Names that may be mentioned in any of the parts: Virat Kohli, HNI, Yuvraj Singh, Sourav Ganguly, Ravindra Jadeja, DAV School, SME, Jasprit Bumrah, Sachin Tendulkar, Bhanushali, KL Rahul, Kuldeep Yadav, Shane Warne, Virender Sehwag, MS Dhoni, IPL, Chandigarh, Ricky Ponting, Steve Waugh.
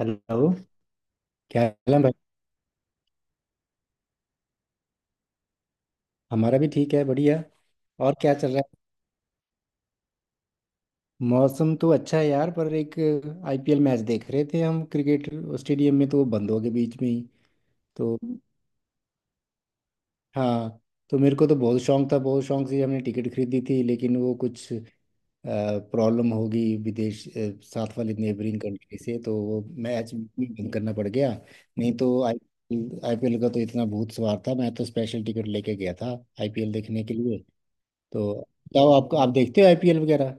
Hello. क्या हाल है भाई? हमारा भी ठीक है, बढ़िया। और क्या चल रहा है? मौसम तो अच्छा है यार, पर एक आईपीएल मैच देख रहे थे हम, क्रिकेट स्टेडियम में, तो वो बंद हो गए बीच में ही। तो, हाँ। तो मेरे को तो बहुत शौक था, बहुत शौक से हमने टिकट खरीदी थी, लेकिन वो कुछ प्रॉब्लम होगी, विदेश साथ वाली नेबरिंग कंट्री से, तो वो मैच भी बंद करना पड़ गया। नहीं तो आई आईपीएल का तो इतना भूत सवार था, मैं तो स्पेशल टिकट लेके गया था आईपीएल देखने के लिए। तो बताओ, आपको आप देखते हो आईपीएल वगैरह?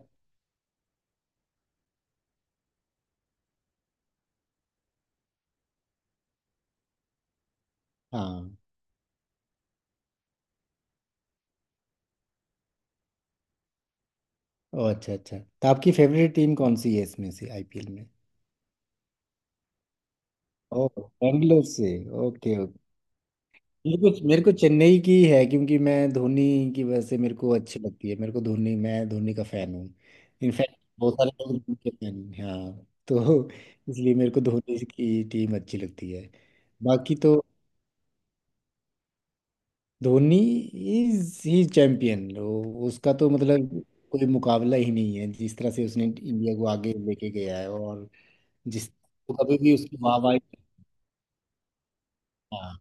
हाँ। ओ, अच्छा अच्छा। तो आपकी फेवरेट टीम कौन सी है इसमें से, आईपीएल में? ओह, बेंगलोर से। Okay okay. मेरे को चेन्नई की है, क्योंकि मैं धोनी की वजह से मेरे को अच्छी लगती है, मेरे को धोनी, मैं धोनी का फैन हूँ। इनफैक्ट बहुत सारे लोग धोनी के फैन हैं। हाँ, तो इसलिए मेरे को धोनी की टीम अच्छी लगती है। बाकी तो, धोनी इज ही चैम्पियन, उसका तो मतलब कोई मुकाबला ही नहीं है, जिस तरह से उसने इंडिया को आगे लेके गया है, और जिस, कभी भी उसकी वाहवाही। हाँ।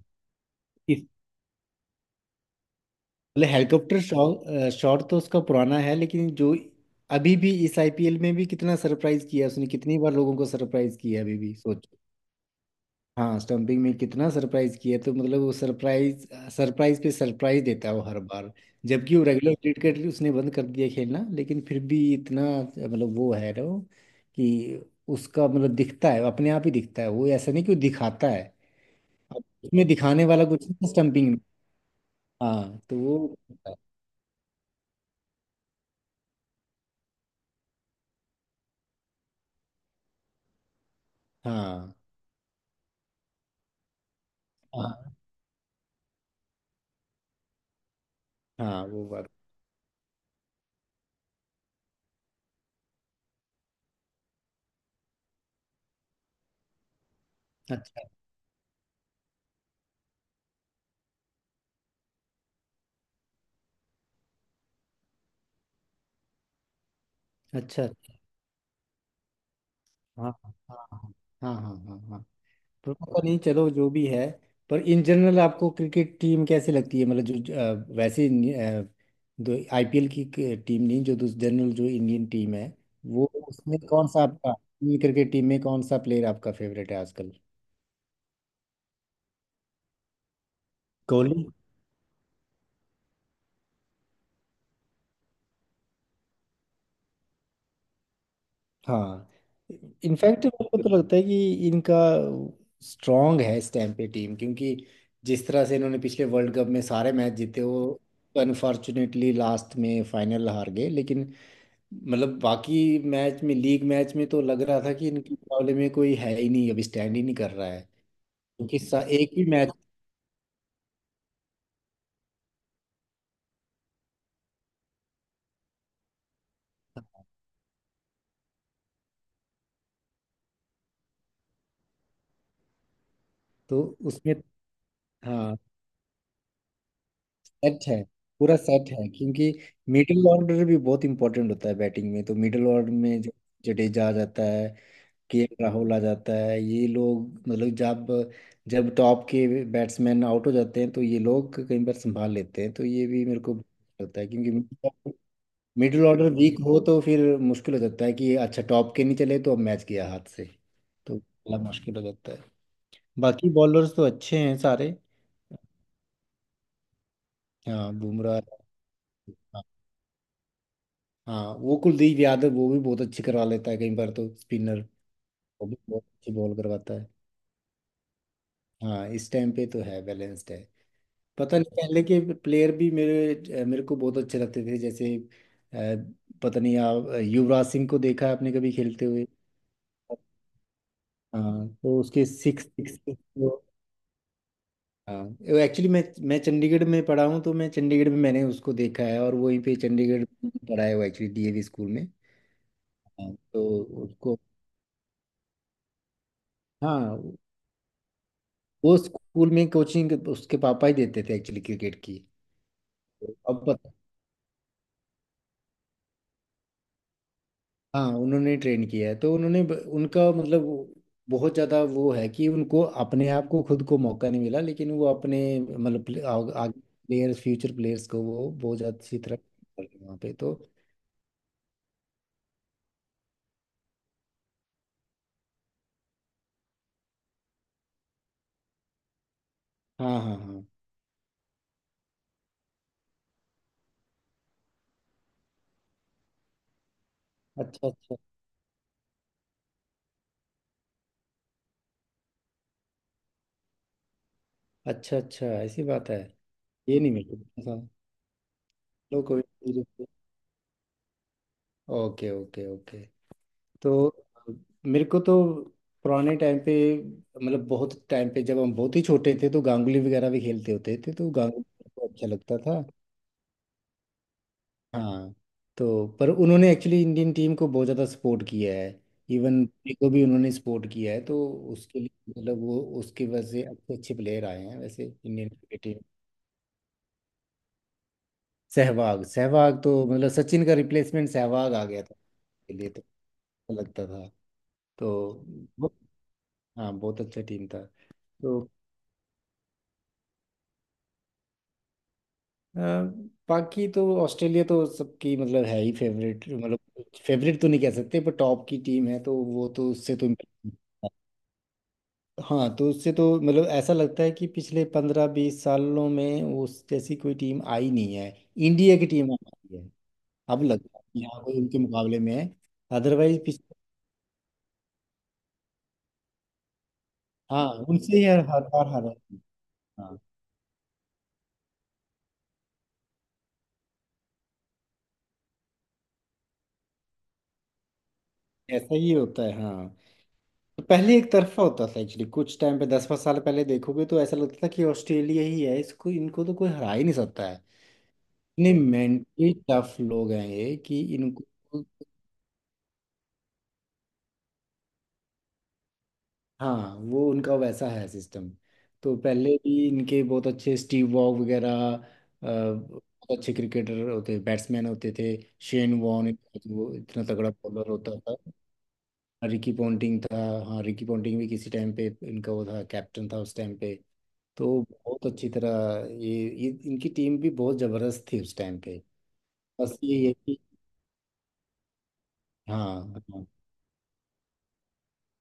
मतलब हेलीकॉप्टर शॉट शॉट तो उसका पुराना है, लेकिन जो अभी भी इस आईपीएल में भी कितना सरप्राइज किया उसने, कितनी बार लोगों को सरप्राइज किया अभी भी, सोचो। हाँ, स्टंपिंग में कितना सरप्राइज किया, तो मतलब वो सरप्राइज सरप्राइज पे सरप्राइज देता है वो हर बार। जबकि वो रेगुलर क्रिकेट उसने बंद कर दिया खेलना, लेकिन फिर भी इतना, मतलब वो है ना, वो कि उसका मतलब दिखता है, अपने आप ही दिखता है, वो ऐसा नहीं कि वो दिखाता है। अब उसमें दिखाने वाला कुछ नहीं स्टंपिंग में। हाँ, तो वो, हाँ हाँ हाँ, वो बात, अच्छा अच्छा अच्छा, हाँ हाँ हाँ हाँ हाँ हाँ हाँ। पर पता नहीं, चलो, जो भी है। पर इन जनरल आपको क्रिकेट टीम कैसी लगती है, मतलब जो वैसे दो आईपीएल की टीम नहीं, जो जनरल, जो इंडियन टीम है, वो उसमें कौन सा आपका, क्रिकेट टीम में कौन सा प्लेयर आपका फेवरेट है आजकल? कोहली। हाँ, इनफैक्ट मेरे को तो लगता है कि इनका स्ट्रांग है इस टाइम पे टीम, क्योंकि जिस तरह से इन्होंने पिछले वर्ल्ड कप में सारे मैच जीते, वो अनफॉर्चुनेटली लास्ट में फाइनल हार गए, लेकिन मतलब बाकी मैच में, लीग मैच में तो लग रहा था कि इनके मुकाबले में कोई है ही नहीं, अभी स्टैंड ही नहीं कर रहा है, क्योंकि एक ही मैच था, तो उसमें, हाँ, सेट है, पूरा सेट है, क्योंकि मिडिल ऑर्डर भी बहुत इंपॉर्टेंट होता है बैटिंग में, तो मिडिल ऑर्डर में जो जडेजा आ जाता है, के एल राहुल आ जाता है, ये लोग मतलब जब जब टॉप के बैट्समैन आउट हो जाते हैं तो ये लोग कई बार संभाल लेते हैं, तो ये भी मेरे को लगता है, क्योंकि मिडिल ऑर्डर वीक हो तो फिर मुश्किल हो जाता है कि अच्छा टॉप के नहीं चले तो अब मैच गया हाथ से, तो बड़ा मुश्किल हो जाता है। बाकी बॉलर्स तो अच्छे हैं सारे। हाँ, बुमराह। हाँ हाँ, वो कुलदीप यादव, वो भी बहुत अच्छी करवा लेता है कई बार तो, स्पिनर, वो भी बहुत अच्छी बॉल करवाता है। हाँ, इस टाइम पे तो है, बैलेंस्ड है। पता नहीं, पहले के प्लेयर भी मेरे मेरे को बहुत अच्छे लगते थे, जैसे पता नहीं, आप युवराज सिंह को देखा है आपने कभी खेलते हुए? हाँ, तो उसके सिक्स सिक्स। हाँ, एक्चुअली मैं चंडीगढ़ में पढ़ा हूँ, तो मैं चंडीगढ़ में मैंने उसको देखा है, और वहीं पे चंडीगढ़ में पढ़ा है वो एक्चुअली, डीएवी स्कूल में। हाँ, तो उसको, हाँ, वो स्कूल में कोचिंग उसके पापा ही देते थे एक्चुअली, क्रिकेट की। तो अब, हाँ, उन्होंने ट्रेन किया है तो उन्होंने उनका मतलब बहुत ज़्यादा वो है कि उनको अपने आप को, खुद को मौका नहीं मिला, लेकिन वो अपने मतलब आगे प्लेयर्स, फ्यूचर प्लेयर्स को वो बहुत ज़्यादा अच्छी तरह कर रहे हैं वहाँ पे, तो हाँ हाँ हाँ। अच्छा अच्छा अच्छा अच्छा, ऐसी बात है? ये नहीं मेरे को पता था। चलो, कोई, ओके ओके ओके। तो मेरे को तो, पुराने टाइम पे, मतलब बहुत टाइम पे, जब हम बहुत ही छोटे थे, तो गांगुली वगैरह भी खेलते होते थे, तो गांगुली मेरे को अच्छा लगता था। हाँ, तो पर उन्होंने एक्चुअली इंडियन टीम को बहुत ज़्यादा सपोर्ट किया है, इवन धोनी को भी उन्होंने सपोर्ट किया है, तो उसके लिए मतलब वो, उसके वजह से अच्छे अच्छे प्लेयर आए हैं वैसे Indian cricket team. Sehwag, Sehwag तो मतलब सचिन का रिप्लेसमेंट सहवाग आ गया था के लिए, तो अच्छा लगता था। तो बहुत- हाँ, बहुत अच्छा टीम था। तो अ, बाकी तो ऑस्ट्रेलिया तो सबकी मतलब है ही फेवरेट, मतलब फेवरेट तो नहीं कह सकते, पर टॉप की टीम है, तो वो, तो उससे तो, हाँ, तो उससे तो मतलब ऐसा लगता है कि पिछले पंद्रह बीस सालों में उस जैसी कोई टीम आई नहीं है, इंडिया की टीम आई है। अब लगता है कि हाँ, कोई उनके मुकाबले में है। अदरवाइज पिछले, हाँ, उनसे ही हर हर बार हारा है। हाँ, ऐसा ही होता है, हाँ। तो पहले एक तरफा होता था एक्चुअली, कुछ टाइम पे, दस पाँच साल पहले देखोगे तो ऐसा लगता था कि ऑस्ट्रेलिया ही है, इसको इनको तो कोई हरा ही नहीं सकता है, इतने मेंटली टफ लोग हैं ये कि इनको, हाँ, वो उनका वैसा है सिस्टम। तो पहले भी इनके बहुत अच्छे स्टीव वॉग वगैरह बहुत अच्छे क्रिकेटर होते, बैट्समैन होते थे। शेन वॉर्न, वो इतना तगड़ा बॉलर होता था। रिकी पोंटिंग था। हाँ, रिकी पोंटिंग भी किसी टाइम पे इनका वो था, कैप्टन था उस टाइम पे। तो बहुत अच्छी तरह ये इनकी टीम भी बहुत जबरदस्त थी उस टाइम पे। बस ये है कि, हाँ हाँ।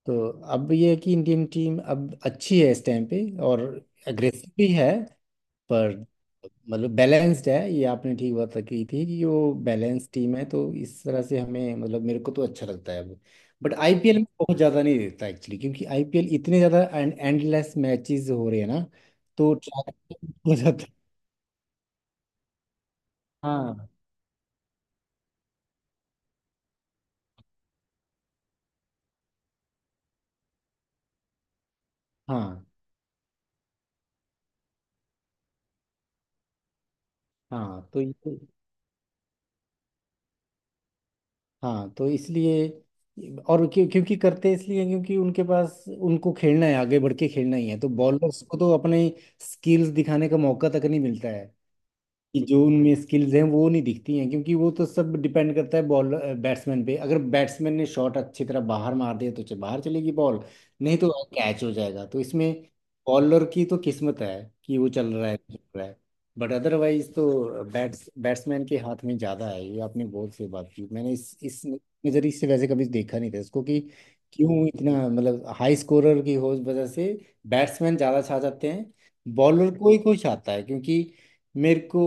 तो अब ये है कि इंडियन टीम अब अच्छी है इस टाइम पे, और अग्रेसिव भी है। पर मतलब बैलेंस्ड है, ये आपने ठीक बात रखी थी कि वो बैलेंस टीम है, तो इस तरह से हमें मतलब मेरे को तो अच्छा लगता है वो। बट आईपीएल में बहुत ज़्यादा नहीं देता एक्चुअली, क्योंकि आईपीएल इतने ज़्यादा एंडलेस मैचेस हो रहे हैं ना, तो track हो जाता है। हाँ हाँ हाँ, तो हाँ, तो इसलिए, और क्योंकि करते हैं इसलिए हैं, क्योंकि उनके पास उनको खेलना है, आगे बढ़ के खेलना ही है, तो बॉलर्स को तो अपने स्किल्स दिखाने का मौका तक नहीं मिलता है, कि जो उनमें स्किल्स हैं वो नहीं दिखती हैं, क्योंकि वो तो सब डिपेंड करता है बॉल बैट्समैन पे, अगर बैट्समैन ने शॉट अच्छी तरह बाहर मार दिया तो बाहर चलेगी बॉल, नहीं तो कैच हो जाएगा, तो इसमें बॉलर की तो किस्मत है कि वो चल रहा है, चल रहा है। बट अदरवाइज तो बैट्समैन के हाथ में ज़्यादा है, ये आपने बहुत सही बात की, मैंने इस नज़रिए से वैसे कभी देखा नहीं था इसको, कि क्यों इतना मतलब, हाई स्कोरर की हो वजह से बैट्समैन ज़्यादा छा जाते हैं, बॉलर को ही कोई छाता है, क्योंकि मेरे को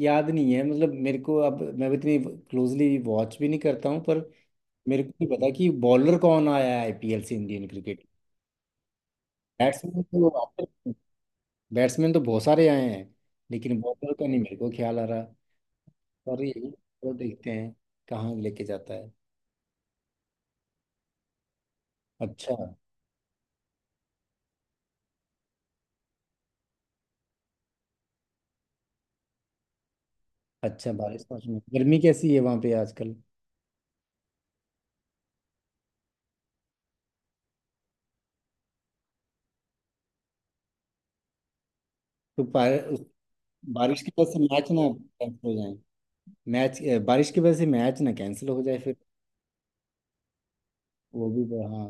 याद नहीं है, मतलब मेरे को, अब मैं इतनी क्लोजली वॉच भी नहीं करता हूँ, पर मेरे को नहीं पता कि बॉलर कौन आया है आईपीएल से इंडियन क्रिकेट। बैट्समैन तो आते हैं, बैट्समैन तो बहुत सारे आए हैं, लेकिन बॉलर का नहीं मेरे को ख्याल आ रहा। पर यही तो देखते हैं, कहाँ लेके जाता है। अच्छा, अच्छा बारिश का मौसम है। गर्मी कैसी है वहाँ पे आजकल? तो उस- बारिश की वजह से मैच ना कैंसिल हो जाए, मैच, बारिश की वजह से मैच ना कैंसिल हो जाए फिर। वो भी, हाँ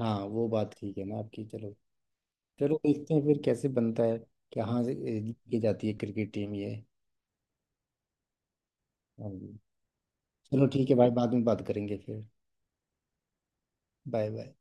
हाँ, वो बात ठीक है ना आपकी, चलो। चलो देखते हैं फिर कैसे बनता है, कहाँ से ये जाती है क्रिकेट टीम ये। हाँ जी। चलो ठीक है भाई, बाद में बात करेंगे फिर, बाय बाय।